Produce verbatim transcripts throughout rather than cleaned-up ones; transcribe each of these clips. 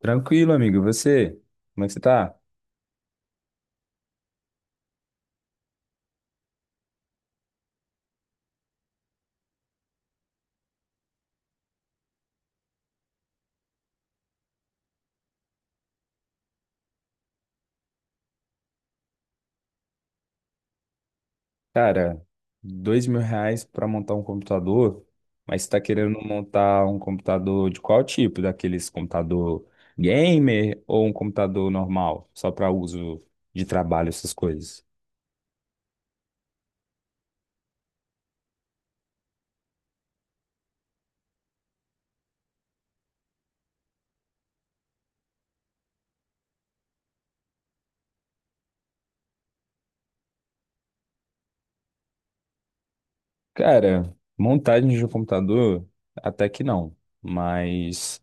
Tranquilo, amigo. E você? Como é que você tá? Cara, dois mil reais pra montar um computador, mas você tá querendo montar um computador de qual tipo? Daqueles computador gamer ou um computador normal, só pra uso de trabalho, essas coisas? Cara, montagem de um computador, até que não, mas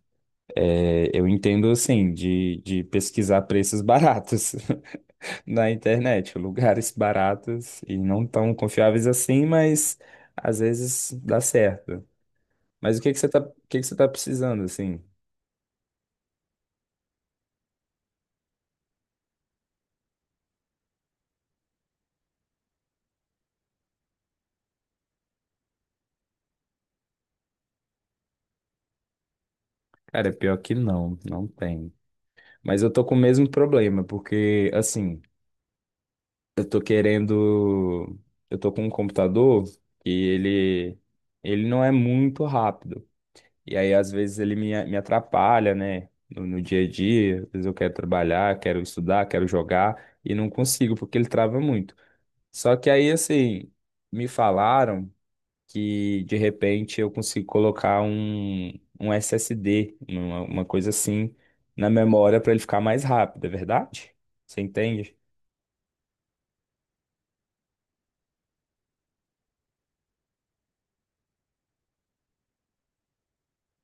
é, eu entendo assim de, de pesquisar preços baratos na internet, lugares baratos e não tão confiáveis assim, mas às vezes dá certo. Mas o que que você tá, o que que você tá precisando assim? Cara, pior que não, não tem. Mas eu tô com o mesmo problema, porque assim, eu tô querendo, eu tô com um computador e ele ele não é muito rápido. E aí às vezes ele me, me atrapalha, né? No, no dia a dia, às vezes eu quero trabalhar, quero estudar, quero jogar e não consigo porque ele trava muito. Só que aí, assim, me falaram que de repente eu consigo colocar um, um SSD, uma, uma coisa assim, na memória para ele ficar mais rápido, é verdade? Você entende?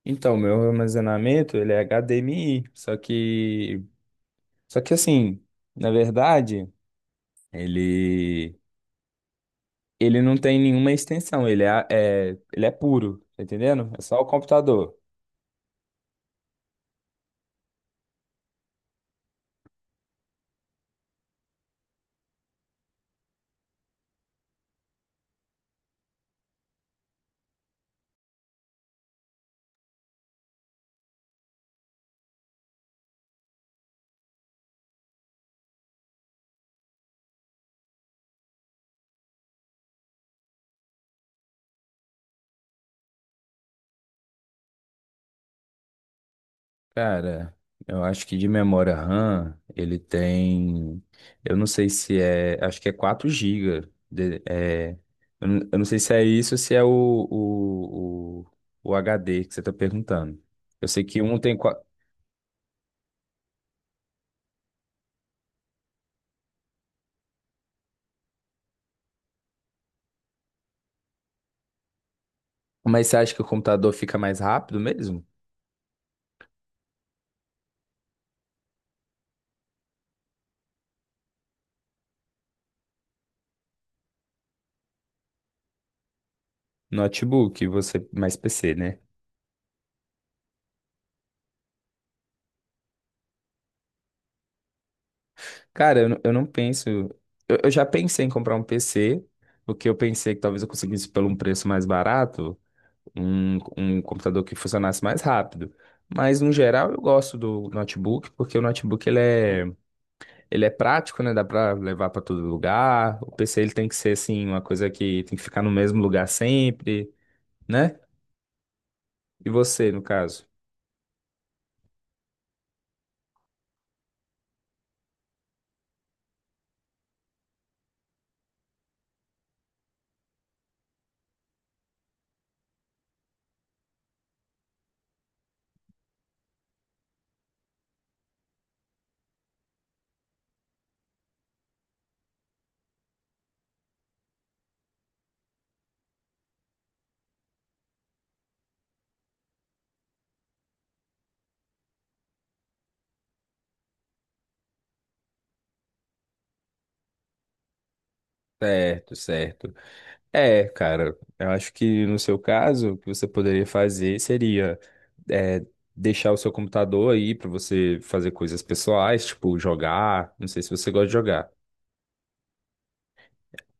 Então, meu armazenamento, ele é H D M I, só que, só que assim, na verdade, ele, ele não tem nenhuma extensão, ele é, é- ele é puro, tá entendendo? É só o computador. Cara, eu acho que de memória RAM ele tem. Eu não sei se é. Acho que é quatro gigas de- é, eu não eu não sei se é isso ou se é o, o, o, o H D que você está perguntando. Eu sei que um tem. qua- Mas você acha que o computador fica mais rápido mesmo? Notebook, você mais P C, né? Cara, eu, não- eu não penso. Eu, eu já pensei em comprar um P C, porque eu pensei que talvez eu conseguisse pelo um preço mais barato. Um, um computador que funcionasse mais rápido. Mas, no geral, eu gosto do notebook, porque o notebook ele é, ele é prático, né? Dá pra levar pra todo lugar. O P C ele tem que ser, assim, uma coisa que tem que ficar no mesmo lugar sempre, né? E você, no caso? Certo, certo. É, cara, eu acho que no seu caso, o que você poderia fazer seria é, deixar o seu computador aí pra você fazer coisas pessoais, tipo jogar. Não sei se você gosta de jogar.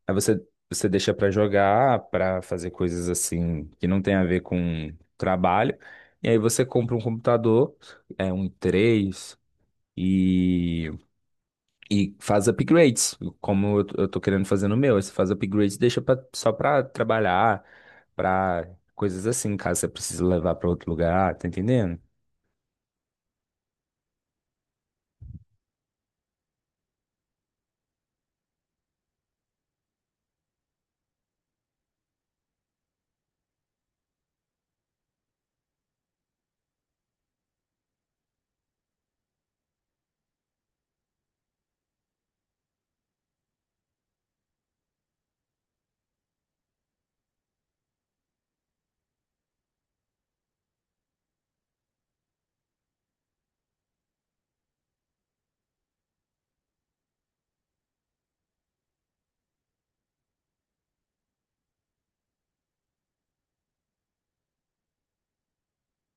Aí você, você deixa pra jogar, pra fazer coisas assim que não tem a ver com trabalho. E aí você compra um computador, é um i três e, e faz upgrades, como eu, eu tô querendo fazer no meu. Aí você faz upgrades, e deixa pra, só pra trabalhar, pra coisas assim, caso você precise levar pra outro lugar, tá entendendo?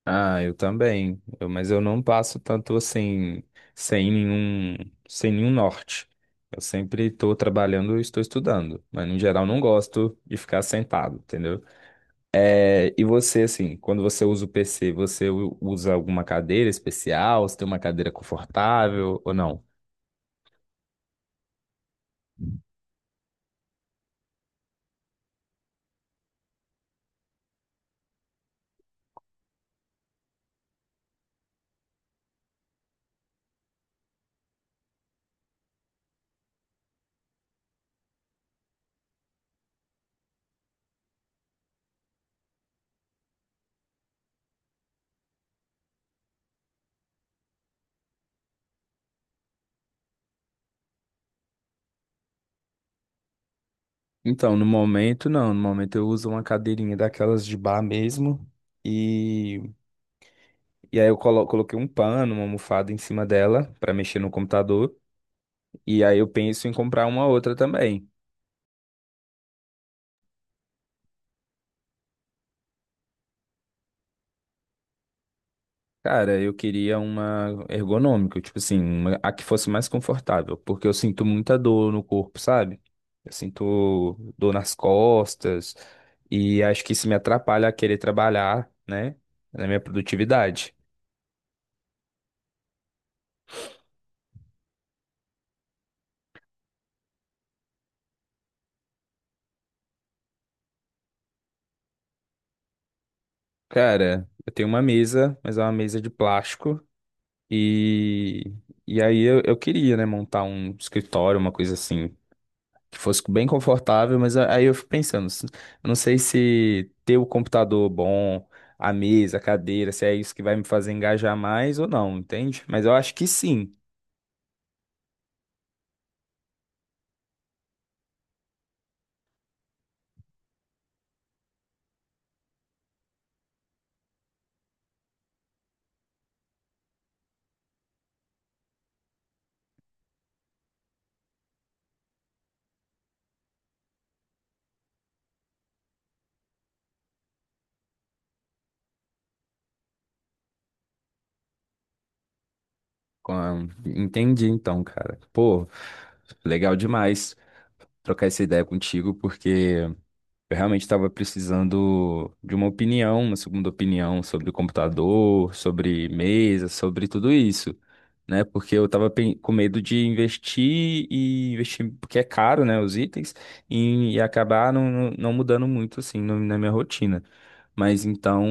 Ah, eu também. Eu- mas eu não passo tanto assim, sem nenhum, sem nenhum norte. Eu sempre estou trabalhando e estou estudando, mas no geral não gosto de ficar sentado, entendeu? É, e você, assim, quando você usa o P C, você u- usa alguma cadeira especial? Você tem uma cadeira confortável ou não? Então, no momento, não. No momento eu uso uma cadeirinha daquelas de bar mesmo. E e aí eu colo- coloquei um pano, uma almofada em cima dela para mexer no computador. E aí eu penso em comprar uma outra também. Cara, eu queria uma ergonômica, tipo assim, uma- a que fosse mais confortável, porque eu sinto muita dor no corpo, sabe? Eu sinto dor nas costas e acho que isso me atrapalha a querer trabalhar, né, na minha produtividade. Cara, eu tenho uma mesa, mas é uma mesa de plástico e e aí eu, eu queria, né, montar um escritório, uma coisa assim, que fosse bem confortável, mas a- aí eu fico pensando, se- eu não sei se ter o computador bom, a mesa, a cadeira, se é isso que vai me fazer engajar mais ou não, entende? Mas eu acho que sim. Com- Entendi então, cara. Pô, legal demais trocar essa ideia contigo, porque eu realmente estava precisando de uma opinião, uma segunda opinião sobre o computador, sobre mesa, sobre tudo isso, né? Porque eu estava com medo de investir e investir, porque é caro, né, os itens, e, e acabar não, não não mudando muito, assim, no- na minha rotina. Mas então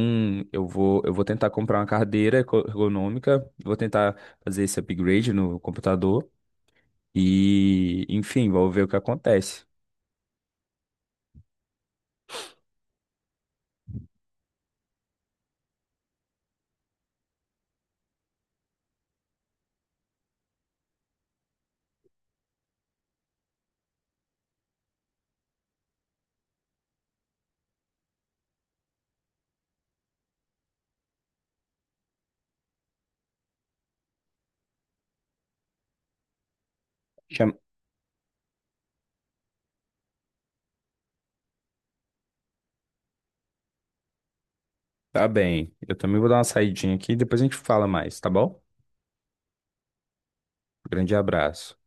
eu vou, eu vou tentar comprar uma cadeira eco- ergonômica, vou tentar fazer esse upgrade no computador e, enfim, vou ver o que acontece. Tá bem. Eu também vou dar uma saidinha aqui e depois a gente fala mais, tá bom? Grande abraço.